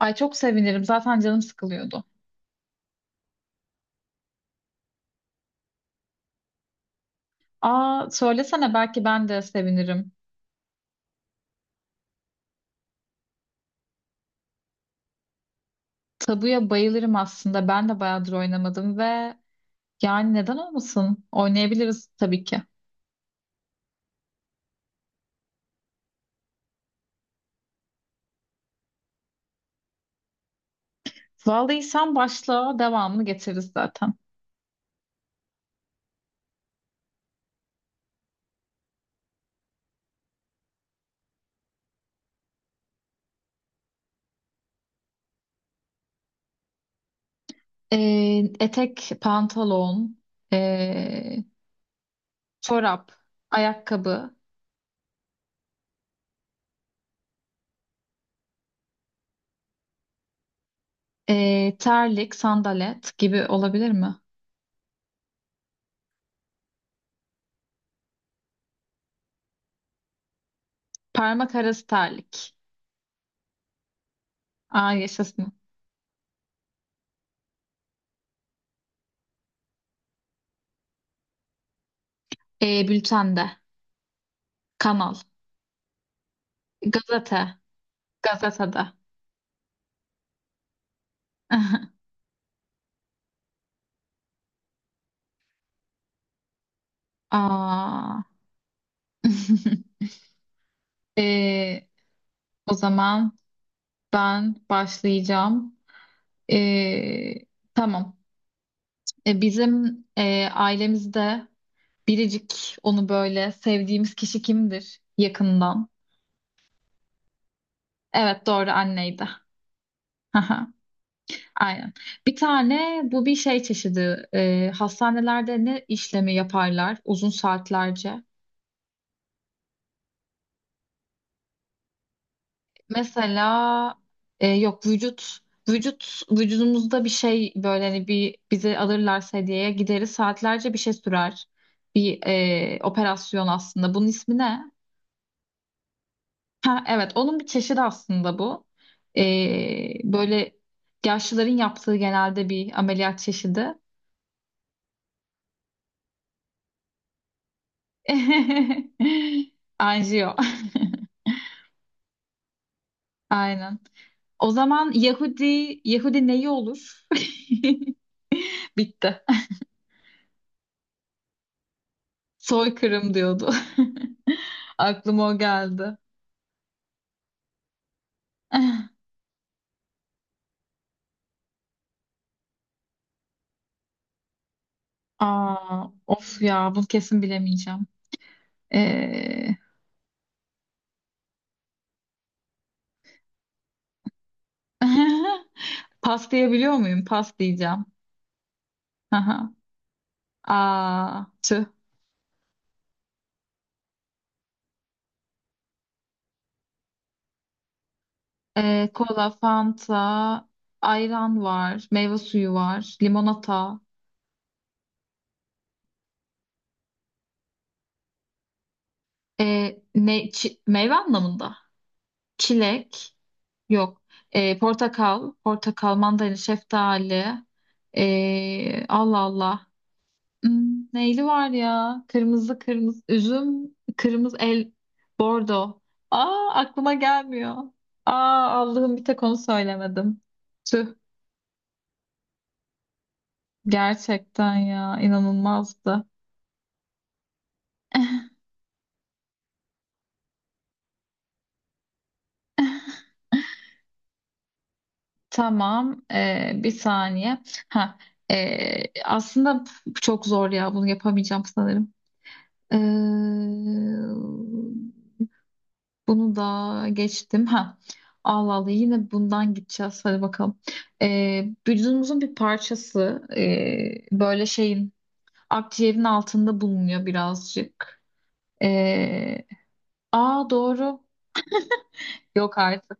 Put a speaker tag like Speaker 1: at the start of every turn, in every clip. Speaker 1: Ay çok sevinirim. Zaten canım sıkılıyordu. Aa, söylesene belki ben de sevinirim. Tabuya bayılırım aslında. Ben de bayağıdır oynamadım ve yani neden olmasın? Oynayabiliriz tabii ki. Vallahi sen başla, devamını getiririz zaten. Etek, pantolon, ee, çorap, ayakkabı, terlik, sandalet gibi olabilir mi? Parmak arası terlik. Aa, yaşasın. Bültende, kanal, gazete, gazetede. Aa. Ee, o zaman ben başlayacağım. Ee, tamam. Bizim ailemizde biricik onu böyle sevdiğimiz kişi kimdir yakından? Evet, doğru, anneydi. Aha, aynen. Bir tane bu bir şey çeşidi. Hastanelerde ne işlemi yaparlar uzun saatlerce? Mesela yok, vücut vücudumuzda bir şey, böyle hani bir bizi alırlarsa hediyeye gideriz, saatlerce bir şey sürer. Bir operasyon aslında. Bunun ismi ne? Ha, evet, onun bir çeşidi aslında bu. E, Böyle yaşlıların yaptığı genelde bir ameliyat çeşidi. Anjiyo. Aynen. O zaman Yahudi neyi olur? Bitti. Soykırım diyordu. Aklıma o geldi. Aa, of ya, bunu kesin bilemeyeceğim. Ee, pas diyebiliyor muyum? Pas diyeceğim. Aha. Aa, tüh. Kola, Fanta, ayran var, meyve suyu var, limonata. Çi- meyve anlamında. Çilek. Yok. Portakal, portakal, mandalina, şeftali. Allah Allah. Hmm, neyli var ya? kırmızı üzüm, kırmızı el, bordo. Aa, aklıma gelmiyor. Aa, Allah'ım, bir tek onu söylemedim. Tüh, gerçekten ya, inanılmazdı. Tamam, bir saniye. Ha, aslında çok zor ya, bunu yapamayacağım sanırım. Ee, Bunu da geçtim. Ha. Allah Allah, yine bundan gideceğiz. Hadi bakalım. Vücudumuzun bir parçası, böyle şeyin, akciğerin altında bulunuyor birazcık. Ee, Aa, doğru. Yok artık.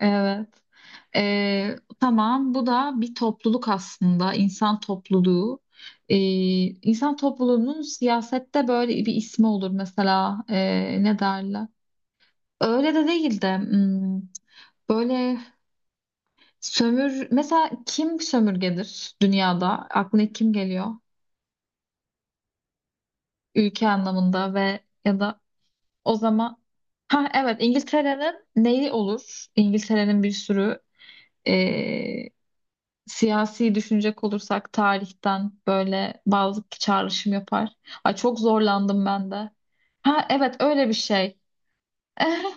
Speaker 1: Evet. Tamam, bu da bir topluluk aslında. İnsan topluluğu. Ee, insan topluluğunun siyasette böyle bir ismi olur mesela. Ne derler? Öyle de değil de, hmm, böyle. Sömür, mesela kim sömürgedir dünyada? Aklına ilk kim geliyor? Ülke anlamında ve ya da o zaman, ha evet, İngiltere'nin neyi olur? İngiltere'nin bir sürü, eee, siyasi düşünecek olursak tarihten böyle bazı çağrışım yapar. Ay, çok zorlandım ben de. Ha evet, öyle bir şey.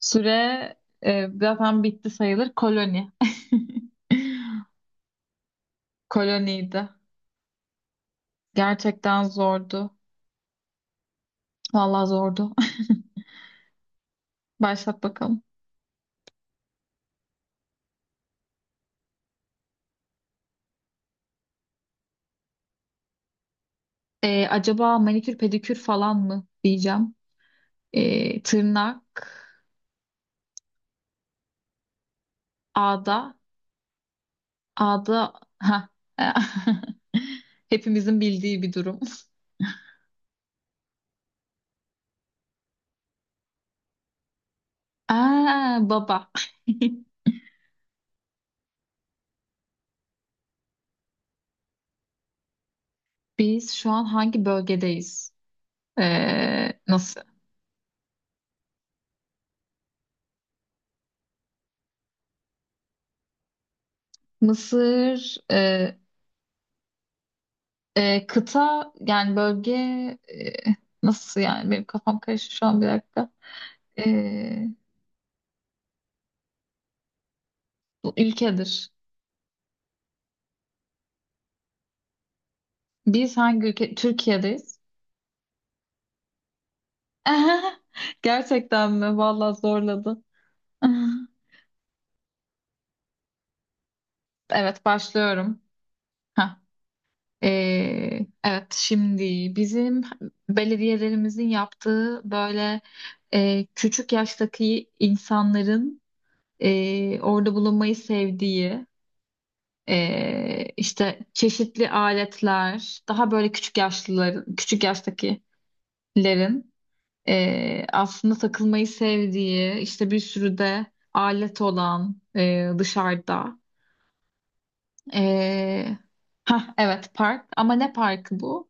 Speaker 1: Süre zaten bitti sayılır. Koloni. Koloniydi. Gerçekten zordu. Vallahi zordu. Başlat bakalım. Acaba manikür pedikür falan mı diyeceğim. Tırnak, ağda, ağda, ha. Hepimizin bildiği bir durum. Aa, baba. Biz şu an hangi bölgedeyiz? Nasıl? Mısır, kıta, yani bölge, e, nasıl yani? Benim kafam karıştı şu an, bir dakika. Ee, Bu ülkedir. Biz hangi ülke? Türkiye'deyiz. Gerçekten mi? Vallahi zorladı. Evet, başlıyorum. Heh. Evet, şimdi bizim belediyelerimizin yaptığı böyle küçük yaştaki insanların orada bulunmayı sevdiği, işte çeşitli aletler, daha böyle küçük yaşlıların, küçük yaştakilerin aslında takılmayı sevdiği, işte bir sürü de alet olan, dışarıda. E, ha evet, park, ama ne parkı bu?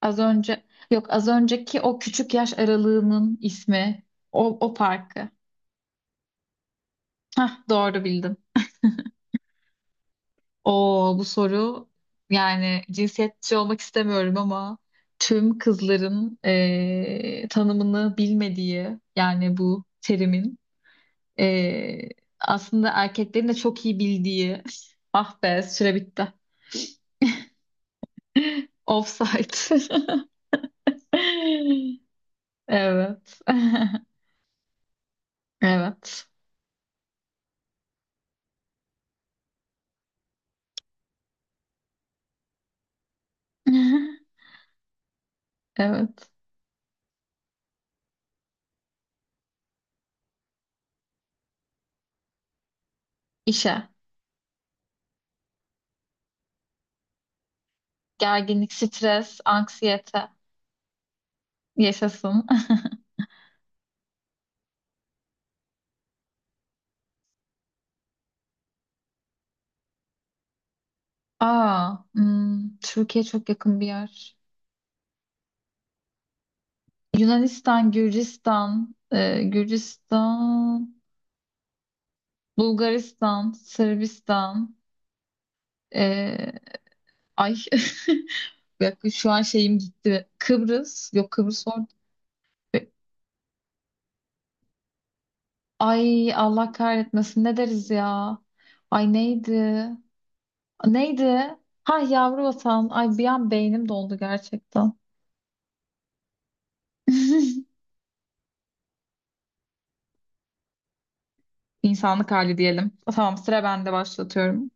Speaker 1: Az önce, yok, az önceki o küçük yaş aralığının ismi, o parkı. Ha, doğru bildim. O bu soru, yani cinsiyetçi olmak istemiyorum ama tüm kızların tanımını bilmediği, yani bu terimin. Ee, Aslında erkeklerin de çok iyi bildiği. Ah be, süre bitti. Offside. Evet. Evet. Evet. İşe. Gerginlik, stres, anksiyete. Yaşasın. Aa, hmm, Türkiye çok yakın bir yer. Yunanistan, Gürcistan, Gürcistan, Bulgaristan, Sırbistan, e, ay. Bak şu an şeyim gitti. Kıbrıs. Yok, Kıbrıs orada. Ay Allah kahretmesin, ne deriz ya? Ay, neydi? Neydi? Ha, yavru vatan. Ay, bir an beynim doldu gerçekten. İnsanlık hali diyelim. Tamam, sıra bende, başlatıyorum.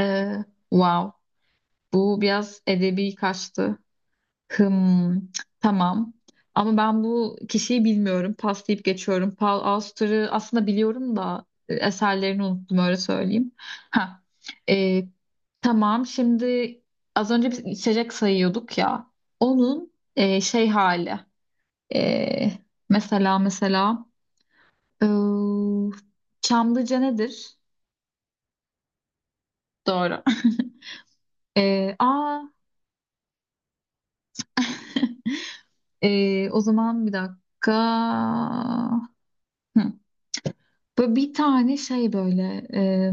Speaker 1: Ee, wow. Bu biraz edebi kaçtı. Hım, tamam. Ama ben bu kişiyi bilmiyorum. Pas deyip geçiyorum. Paul Auster'ı aslında biliyorum da eserlerini unuttum, öyle söyleyeyim. Ha. e, tamam. Şimdi az önce biz içecek sayıyorduk ya. Onun şey hali. E, mesela ıı, Çamlıca nedir? Doğru. E, aa, O zaman bir dakika. Hı. Böyle bir tane şey, böyle,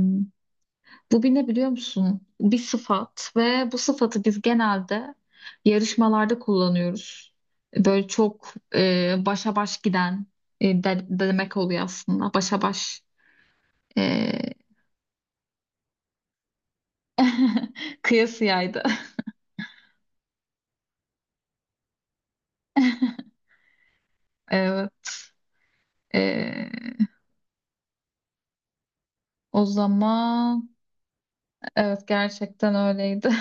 Speaker 1: bu bir ne biliyor musun? Bir sıfat ve bu sıfatı biz genelde yarışmalarda kullanıyoruz. Böyle çok başa baş giden, demek oluyor aslında. Başa baş e, kıyasıyaydı. Evet. E, O zaman, evet, gerçekten öyleydi.